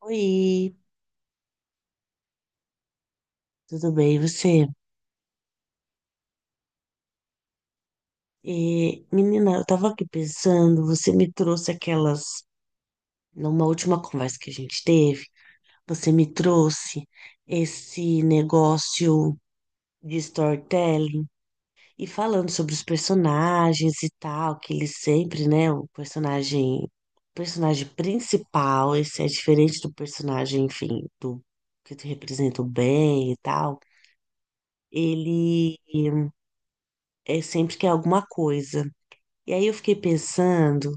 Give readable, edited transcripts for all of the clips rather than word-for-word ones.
Oi, tudo bem, e você? Menina, eu tava aqui pensando, você me trouxe aquelas, numa última conversa que a gente teve, você me trouxe esse negócio de storytelling e falando sobre os personagens e tal, que eles sempre, né, o personagem principal, esse é diferente do personagem, enfim, do que te representa o bem e tal, ele é sempre que é alguma coisa. E aí eu fiquei pensando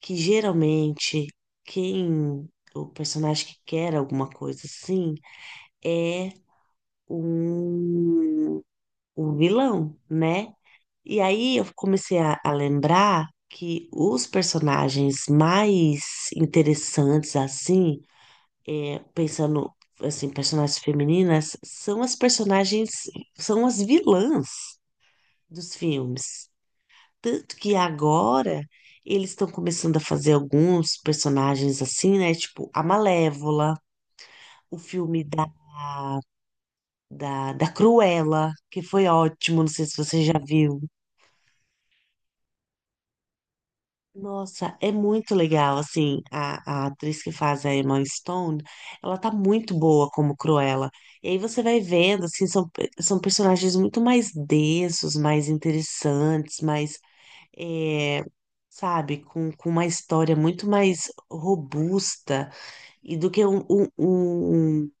que geralmente quem o personagem que quer alguma coisa assim é um, um vilão, né? E aí eu comecei a lembrar que os personagens mais interessantes assim, pensando assim, personagens femininas, são as vilãs dos filmes. Tanto que agora eles estão começando a fazer alguns personagens assim, né? Tipo a Malévola, o filme da, da Cruella, que foi ótimo, não sei se você já viu. Nossa, é muito legal, assim, a atriz que faz a Emma Stone, ela tá muito boa como Cruella. E aí você vai vendo, assim, são personagens muito mais densos, mais interessantes, mais, é, sabe, com uma história muito mais robusta. E do que um, um, um,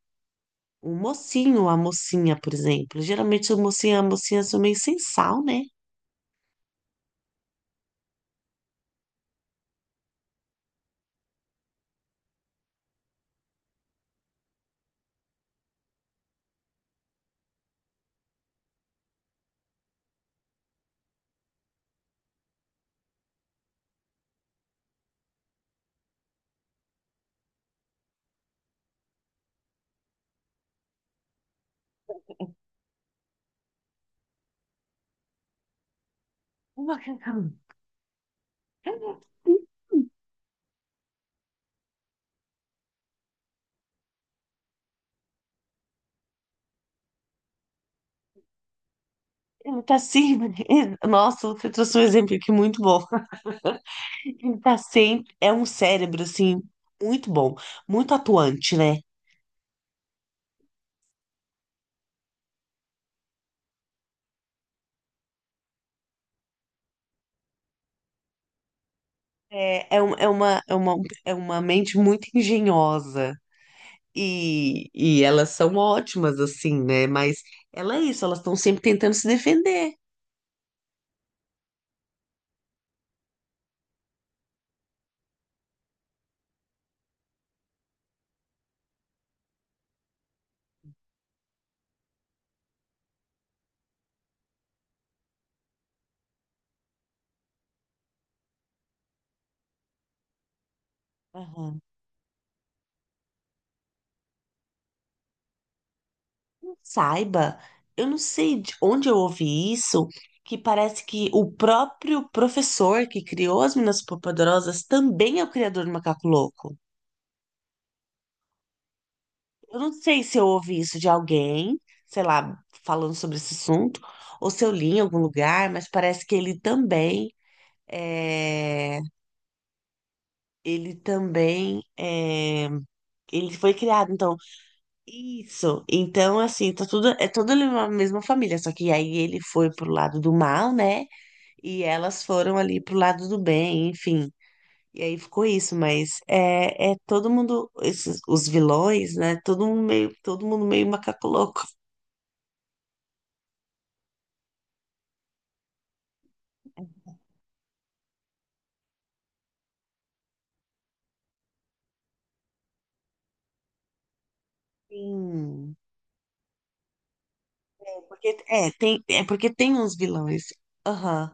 um mocinho ou a mocinha, por exemplo. Geralmente o mocinho e a mocinha são meio sem sal, né? uma Ele tá sempre. Nossa, você trouxe um exemplo aqui muito bom. Ele tá sempre. É um cérebro, assim, muito bom, muito atuante, né? É, é, um- é uma, é uma, É uma mente muito engenhosa. E elas são ótimas, assim, né? Mas ela é isso, elas estão sempre tentando se defender. Aham. Saiba, eu não sei de onde eu ouvi isso, que parece que o próprio professor que criou as Meninas Superpoderosas também é o criador do Macaco Louco. Eu não sei se eu ouvi isso de alguém, sei lá, falando sobre esse assunto, ou se eu li em algum lugar, mas parece que é, ele também é, ele foi criado, então, isso. Então, assim, tá tudo, é toda uma mesma família, só que aí ele foi pro lado do mal, né? E elas foram ali pro lado do bem, enfim. E aí ficou isso, mas é todo mundo, esses, os vilões, né? Todo mundo meio macaco louco. Sim. É porque tem uns vilões. Aham.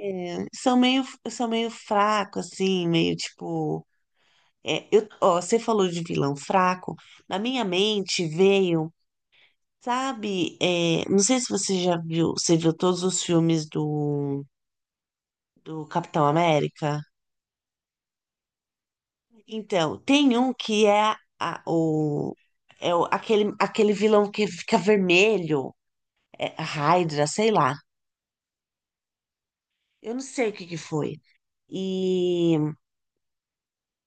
É, são meio fraco, assim, meio tipo. Ó, você falou de vilão fraco. Na minha mente veio, sabe? Não sei se você já viu, você viu todos os filmes do, Capitão América? Então, tem um que é, a, o, é o, aquele, aquele vilão que fica vermelho, a Hydra, sei lá. Eu não sei o que que foi. E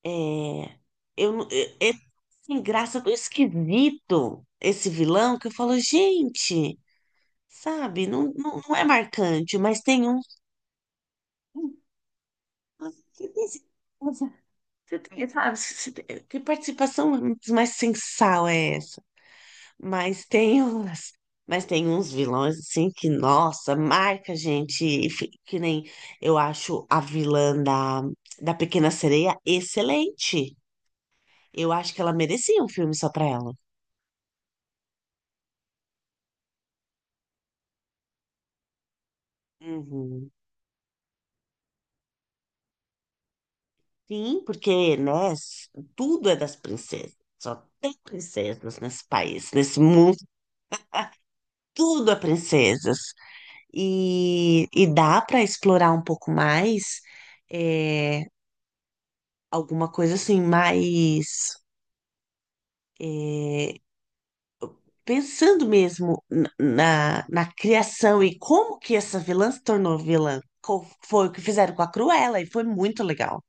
É, eu, não- é, é sem graça, tão esquisito esse vilão que eu falo, gente, sabe, não, não, não é marcante, mas tem um. Você tem, certeza? Você tem, sabe, você tem- Que participação mais sensal é essa? Mas tem umas, mas tem uns vilões assim que, nossa, marca, gente, que nem eu acho a vilã da Pequena Sereia excelente. Eu acho que ela merecia um filme só pra ela. Uhum. Sim, porque, né, tudo é das princesas. Só tem princesas nesse país, nesse mundo, tudo é princesas. E dá para explorar um pouco mais, é, alguma coisa assim, mais, eh, pensando mesmo na, na criação e como que essa vilã se tornou vilã. Foi o que fizeram com a Cruella e foi muito legal.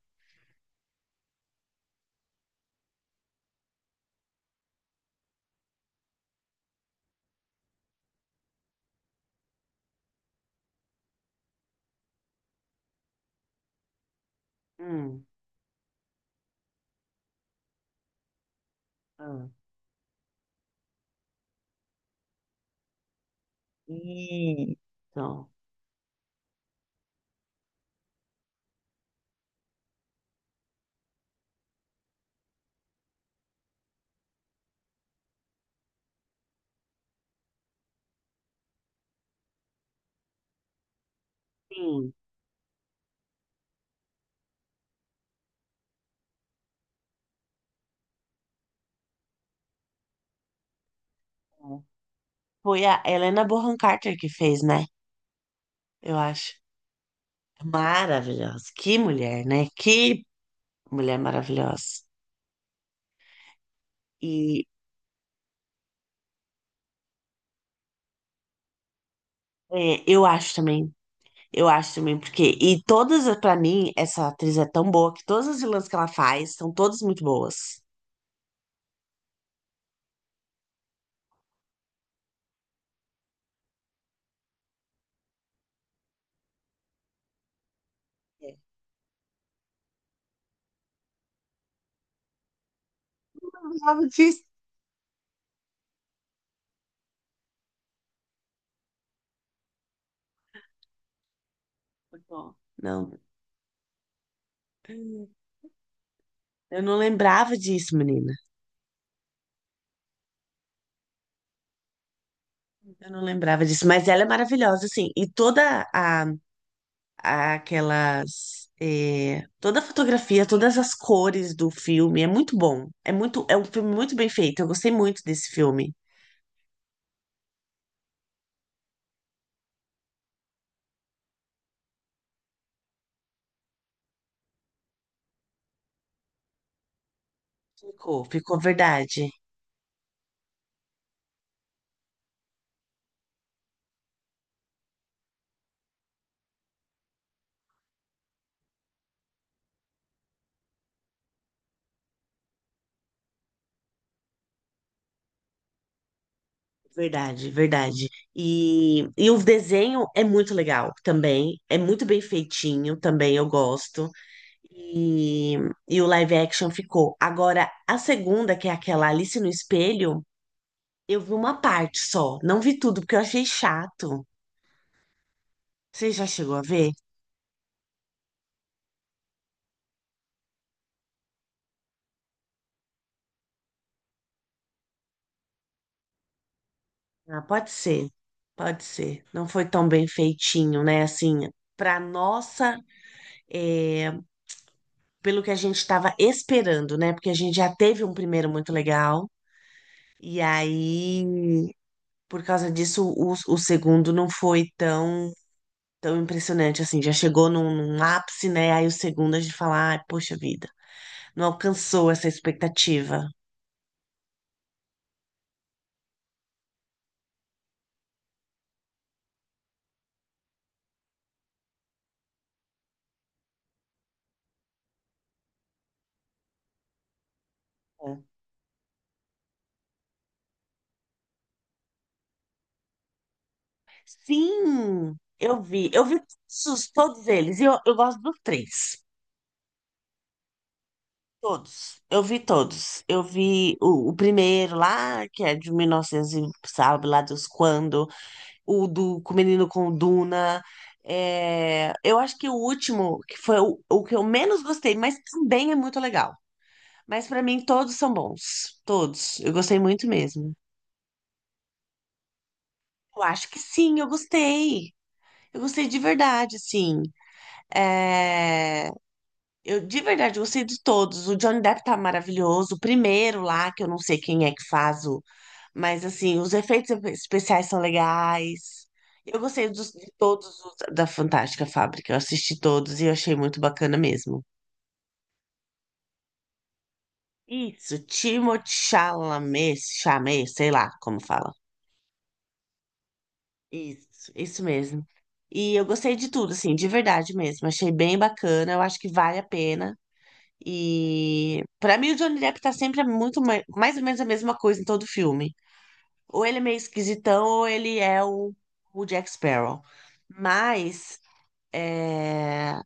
Hum, ah, e então, sim. Foi a Helena Bonham Carter que fez, né? Eu acho maravilhosa. Que mulher, né? Que mulher maravilhosa. E eu acho também, porque. E todas, pra mim, essa atriz é tão boa que todas as vilãs que ela faz são todas muito boas. É. Eu não lembrava disso. Muito bom. Não, eu não lembrava disso, menina. Eu não lembrava disso, mas ela é maravilhosa, assim. Toda a fotografia, todas as cores do filme, é muito bom. É um filme muito bem feito. Eu gostei muito desse filme. Ficou verdade, verdade, verdade. E o desenho é muito legal também, é muito bem feitinho também, eu gosto. E, e o live action ficou. Agora, a segunda, que é aquela Alice no Espelho, eu vi uma parte só, não vi tudo porque eu achei chato. Você já chegou a ver? Ah, pode ser, pode ser. Não foi tão bem feitinho, né? Assim, para nossa, é, pelo que a gente estava esperando, né? Porque a gente já teve um primeiro muito legal, e aí, por causa disso, o segundo não foi tão, tão impressionante, assim, já chegou num ápice, né? Aí o segundo a gente fala, ai, poxa vida. Não alcançou essa expectativa. Sim, eu vi. Eu vi todos, todos eles. E eu gosto dos três. Todos. Eu vi todos. Eu vi o primeiro lá, que é de 1900 e novecentos, e sabe lá dos quando. O do com o menino com Duna. É, eu acho que o último, que foi o que eu menos gostei, mas também é muito legal. Mas pra mim todos são bons, todos. Eu gostei muito mesmo. Eu acho que sim, eu gostei. Eu gostei de verdade, sim. É, Eu, de verdade, gostei de todos. O Johnny Depp tá maravilhoso. O primeiro lá, que eu não sei quem é que faz o. Mas, assim, os efeitos especiais são legais. Eu gostei de todos os da Fantástica Fábrica. Eu assisti todos e eu achei muito bacana mesmo. Isso, Timothée Chalamet, Chalamet, sei lá como fala. Isso mesmo. E eu gostei de tudo, assim, de verdade mesmo. Achei bem bacana. Eu acho que vale a pena. E pra mim o Johnny Depp tá sempre muito mais ou menos a mesma coisa em todo filme. Ou ele é meio esquisitão, ou ele é o Jack Sparrow. Mas, é,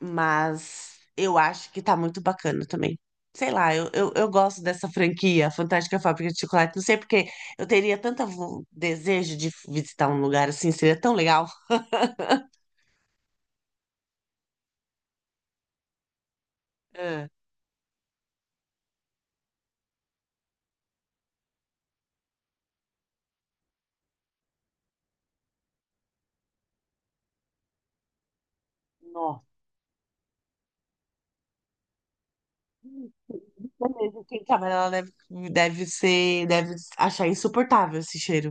mas eu acho que tá muito bacana também. Sei lá, eu gosto dessa franquia, Fantástica Fábrica de Chocolate. Não sei porque eu teria tanto desejo de visitar um lugar assim, seria tão legal. É. Nossa. Até mesmo quem trabalha lá deve achar insuportável esse cheiro.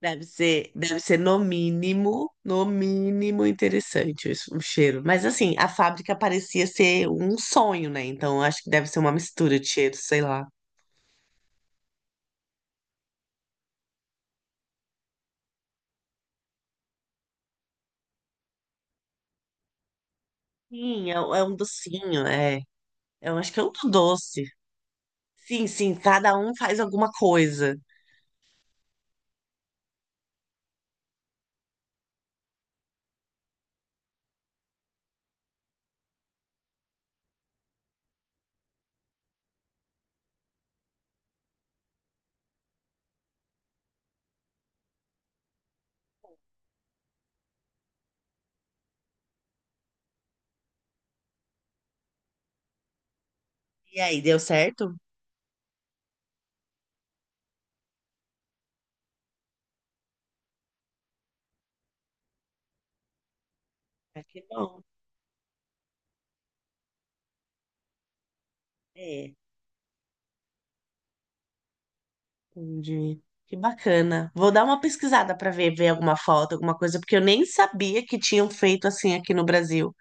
Deve ser no mínimo, no mínimo interessante isso, o cheiro. Mas assim, a fábrica parecia ser um sonho, né? Então acho que deve ser uma mistura de cheiros, sei lá. Sim, é um docinho, é. Eu acho que é um do doce. Sim, sim, cada um faz alguma coisa. E aí, deu certo? Ah, que bom. É, Entendi. Que bacana. Vou dar uma pesquisada para ver, alguma foto, alguma coisa, porque eu nem sabia que tinham feito assim aqui no Brasil.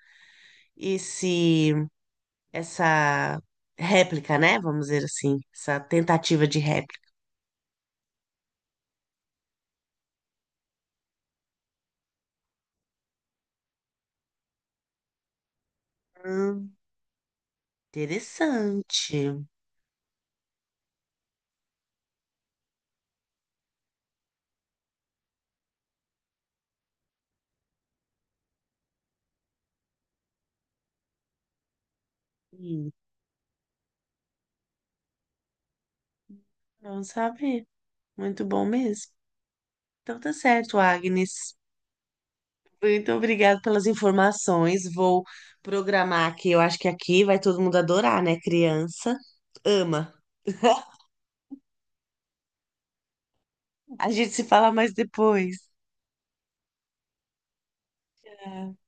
Esse Essa réplica, né? Vamos dizer assim, essa tentativa de réplica. Hum, interessante. Hum, bom saber. Muito bom mesmo. Então tá certo, Agnes. Muito obrigada pelas informações. Vou programar aqui. Eu acho que aqui vai todo mundo adorar, né? Criança ama. A gente se fala mais depois. Tá.